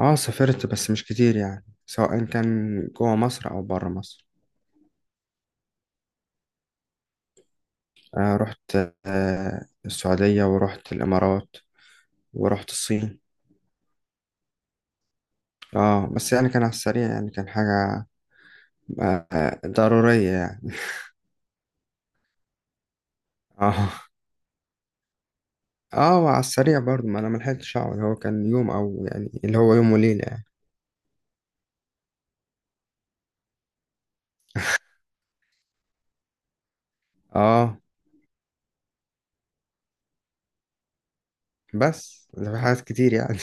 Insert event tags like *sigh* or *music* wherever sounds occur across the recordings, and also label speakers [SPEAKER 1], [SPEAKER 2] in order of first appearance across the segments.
[SPEAKER 1] اه، سافرت بس مش كتير يعني سواء كان جوه مصر او بره مصر. آه، رحت. آه، السعودية ورحت الامارات. ورحت الصين. اه، بس يعني كان على السريع، يعني كان حاجة آه، آه، ضرورية يعني. *laughs* اه. اه، وعلى السريع برضه ما انا ملحقتش اقعد، هو كان يوم او يعني اللي هو يوم وليلة يعني. اه، بس ده في حاجات كتير يعني.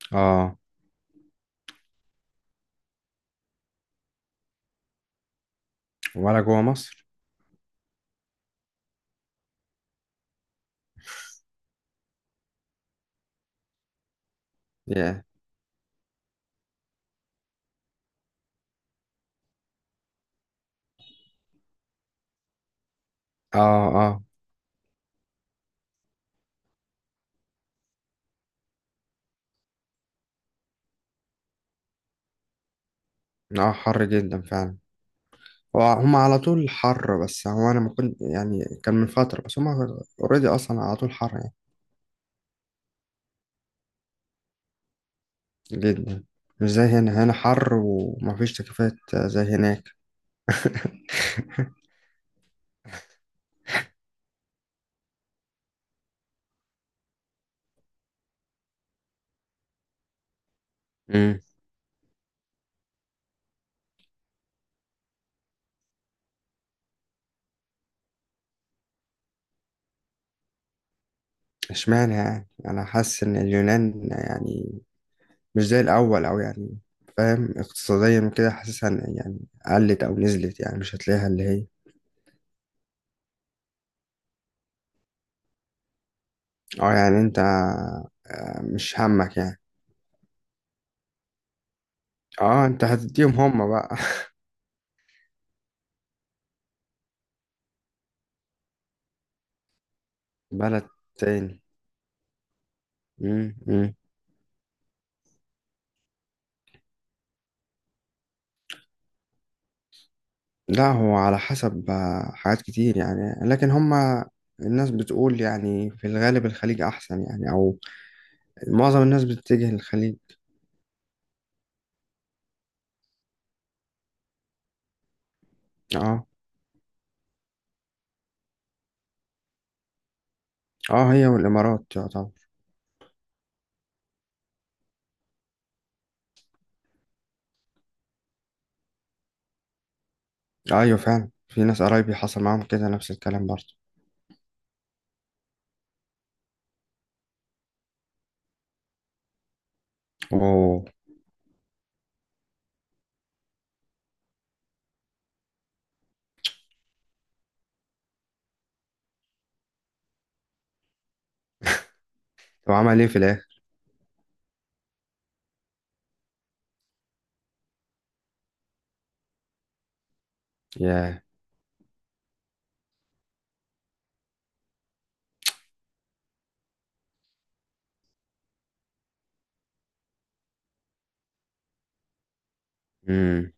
[SPEAKER 1] *laughs* اه. ولا جوه مصر. yeah. اه، اه. اه، حر جدا فعلا. وهم على طول حر، بس هو انا ما كنت يعني كان من فترة، بس هم اوريدي اصلا على طول حر يعني. جدا. مش زي هنا، هنا حر ومفيش تكييفات زي هناك. امم. اشمعنى يعني؟ انا حاسس ان اليونان يعني مش زي الاول او يعني فاهم اقتصاديا وكده، حاسسها إن يعني قلت او نزلت يعني مش هتلاقيها اللي هي. اه، يعني انت مش همك يعني. اه، انت هتديهم هم بقى. *laughs* بلد تاني. مم. مم. لا، هو على حسب حاجات كتير يعني، لكن هما الناس بتقول يعني في الغالب الخليج أحسن يعني، أو معظم الناس بتتجه للخليج. اه. اه، هي والإمارات يعتبر. أيوة، فعلا في ناس قرايبي حصل معاهم كده نفس الكلام برضه. أوه. طب، عمل إيه في الآخر؟ ياه. مم.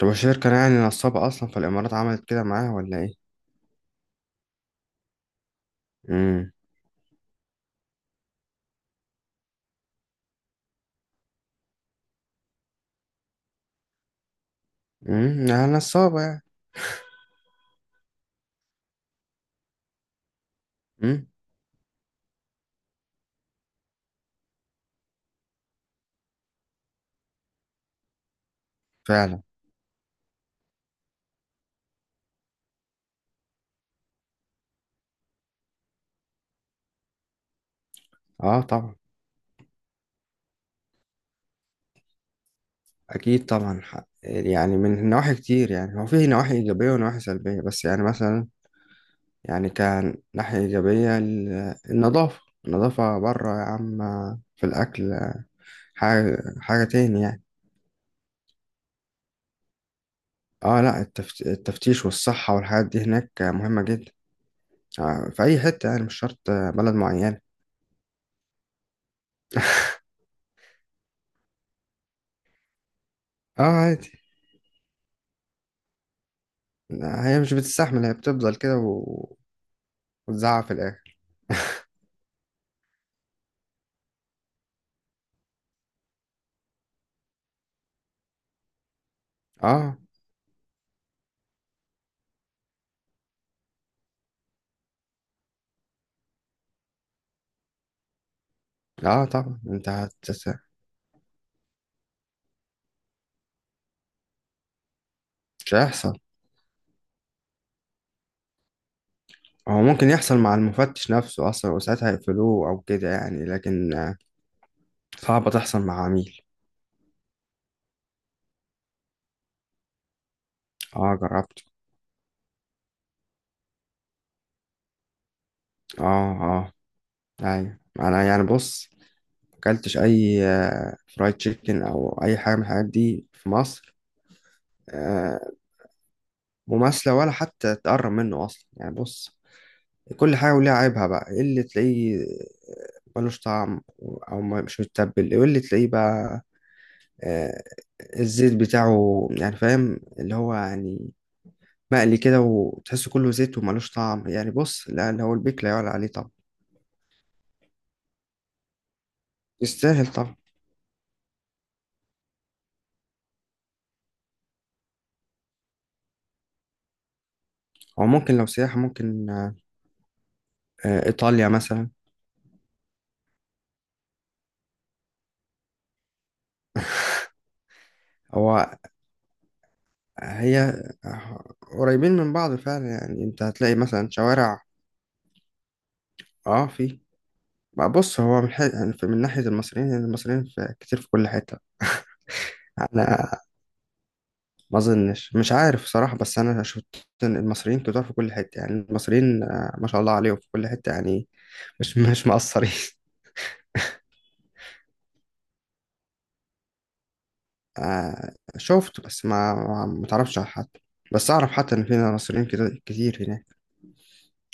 [SPEAKER 1] طب، الشركة يعني نصابة أصلا، في الإمارات عملت كده معاه ولا إيه؟ امم. امم، يعني نصابة يعني. امم. فعلا. اه، طبعا. أكيد طبعا حق يعني، من نواحي كتير يعني هو فيه نواحي إيجابية ونواحي سلبية، بس يعني مثلا يعني كان ناحية إيجابية النظافة. النظافة بره يا عم. في الأكل حاجة حاجة تاني يعني. اه، لا، التفتيش والصحة والحاجات دي هناك مهمة جدا في أي حتة يعني، مش شرط بلد معينة. اه، عادي. هي مش بتستحمل، هي بتفضل كده وتزعق في الآخر. اه، اه، طبعا انت مش هيحصل. هو ممكن يحصل مع المفتش نفسه أصلا وساعتها يقفلوه أو كده يعني، لكن صعبة تحصل مع عميل. اه، جربت. اه، اه. أيوة أنا يعني بص، مكلتش أي فرايد تشيكن أو أي حاجة من الحاجات دي في مصر آه، مماثلة ولا حتى تقرب منه أصلا. يعني بص، كل حاجة وليها عيبها، بقى إيه اللي تلاقيه؟ ملوش طعم، أو مش متبل، إيه اللي تلاقيه بقى؟ آه، الزيت بتاعه يعني، فاهم اللي هو يعني مقلي كده وتحسه كله زيت وملوش طعم. يعني بص، لا، اللي هو البيك لا يعلى عليه طبعا. يستاهل طبعا. هو ممكن لو سياحة، ممكن إيطاليا مثلا. هو هي قريبين من بعض فعلا، يعني أنت هتلاقي مثلا شوارع. اه، في بقى، بص هو يعني من ناحية المصريين، يعني المصريين في كتير في كل حتة. أنا ما أظنش، مش عارف صراحة، بس أنا شفت إن المصريين كتير في كل حتة، يعني المصريين ما شاء الله عليهم في كل حتة يعني مش مقصرين. آه، شفت، بس ما تعرفش على حد، بس اعرف حتى ان في مصريين كده كتير هناك.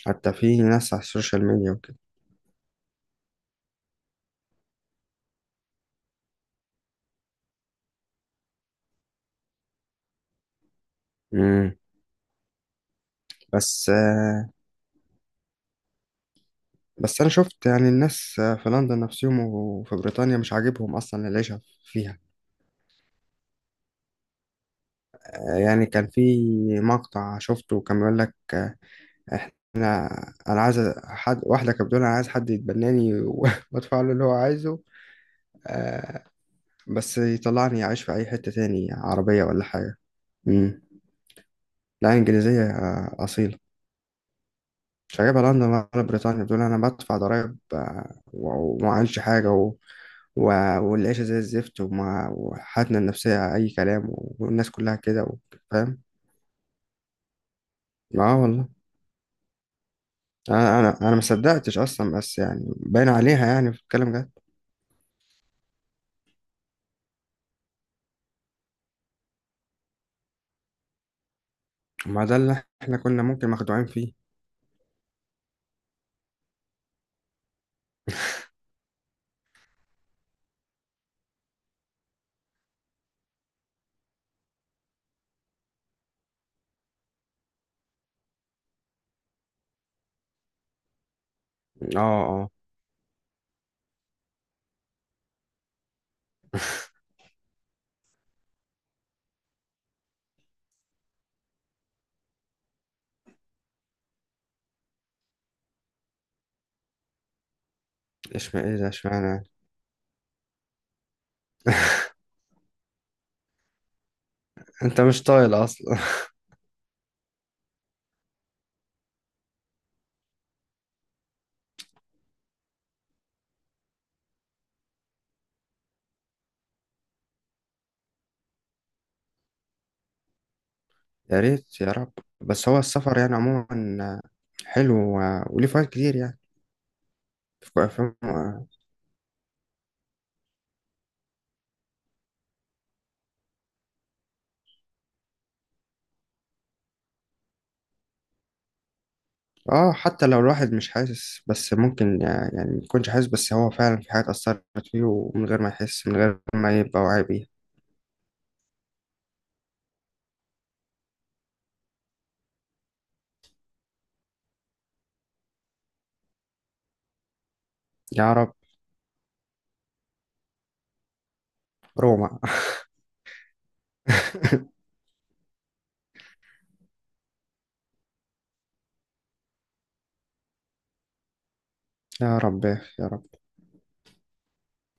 [SPEAKER 1] حتى في ناس على السوشيال ميديا وكده. امم. بس آه بس انا شفت يعني الناس في لندن نفسهم، وفي بريطانيا مش عاجبهم اصلا العيشه فيها. يعني كان في مقطع شفته، كان بيقول لك انا انا عايز حد، واحده كانت بتقول انا عايز حد يتبناني *laughs* وادفع له اللي هو عايزه. آه، بس يطلعني اعيش في اي حته تاني، عربيه ولا حاجه. مم. لا، انجليزيه اصيله. مش عاجبها لندن ولا بريطانيا، بتقول انا بدفع ضرايب وما عملش حاجه و... والعيشه زي الزفت وحالتنا النفسيه اي كلام، والناس كلها كده فاهم. اه، والله انا ما صدقتش اصلا، بس يعني باين عليها يعني في الكلام ده. ما ده اللي احنا كنا ممكن مخدوعين فيه. اه، اه. اشمعنى؟ ايه ده؟ اشمعنى يعني؟ انت مش طايل اصلا. *laughs* يا ريت، يا رب. بس هو السفر يعني عموما حلو وليه فوائد كتير يعني. ف- ف- اه، حتى لو الواحد مش حاسس، بس ممكن يعني ما يكونش حاسس، بس هو فعلا في حاجات أثرت فيه، ومن غير ما يحس، من غير ما يبقى واعي بيها. يا رب. روما. *laughs* يا رب، يا رب.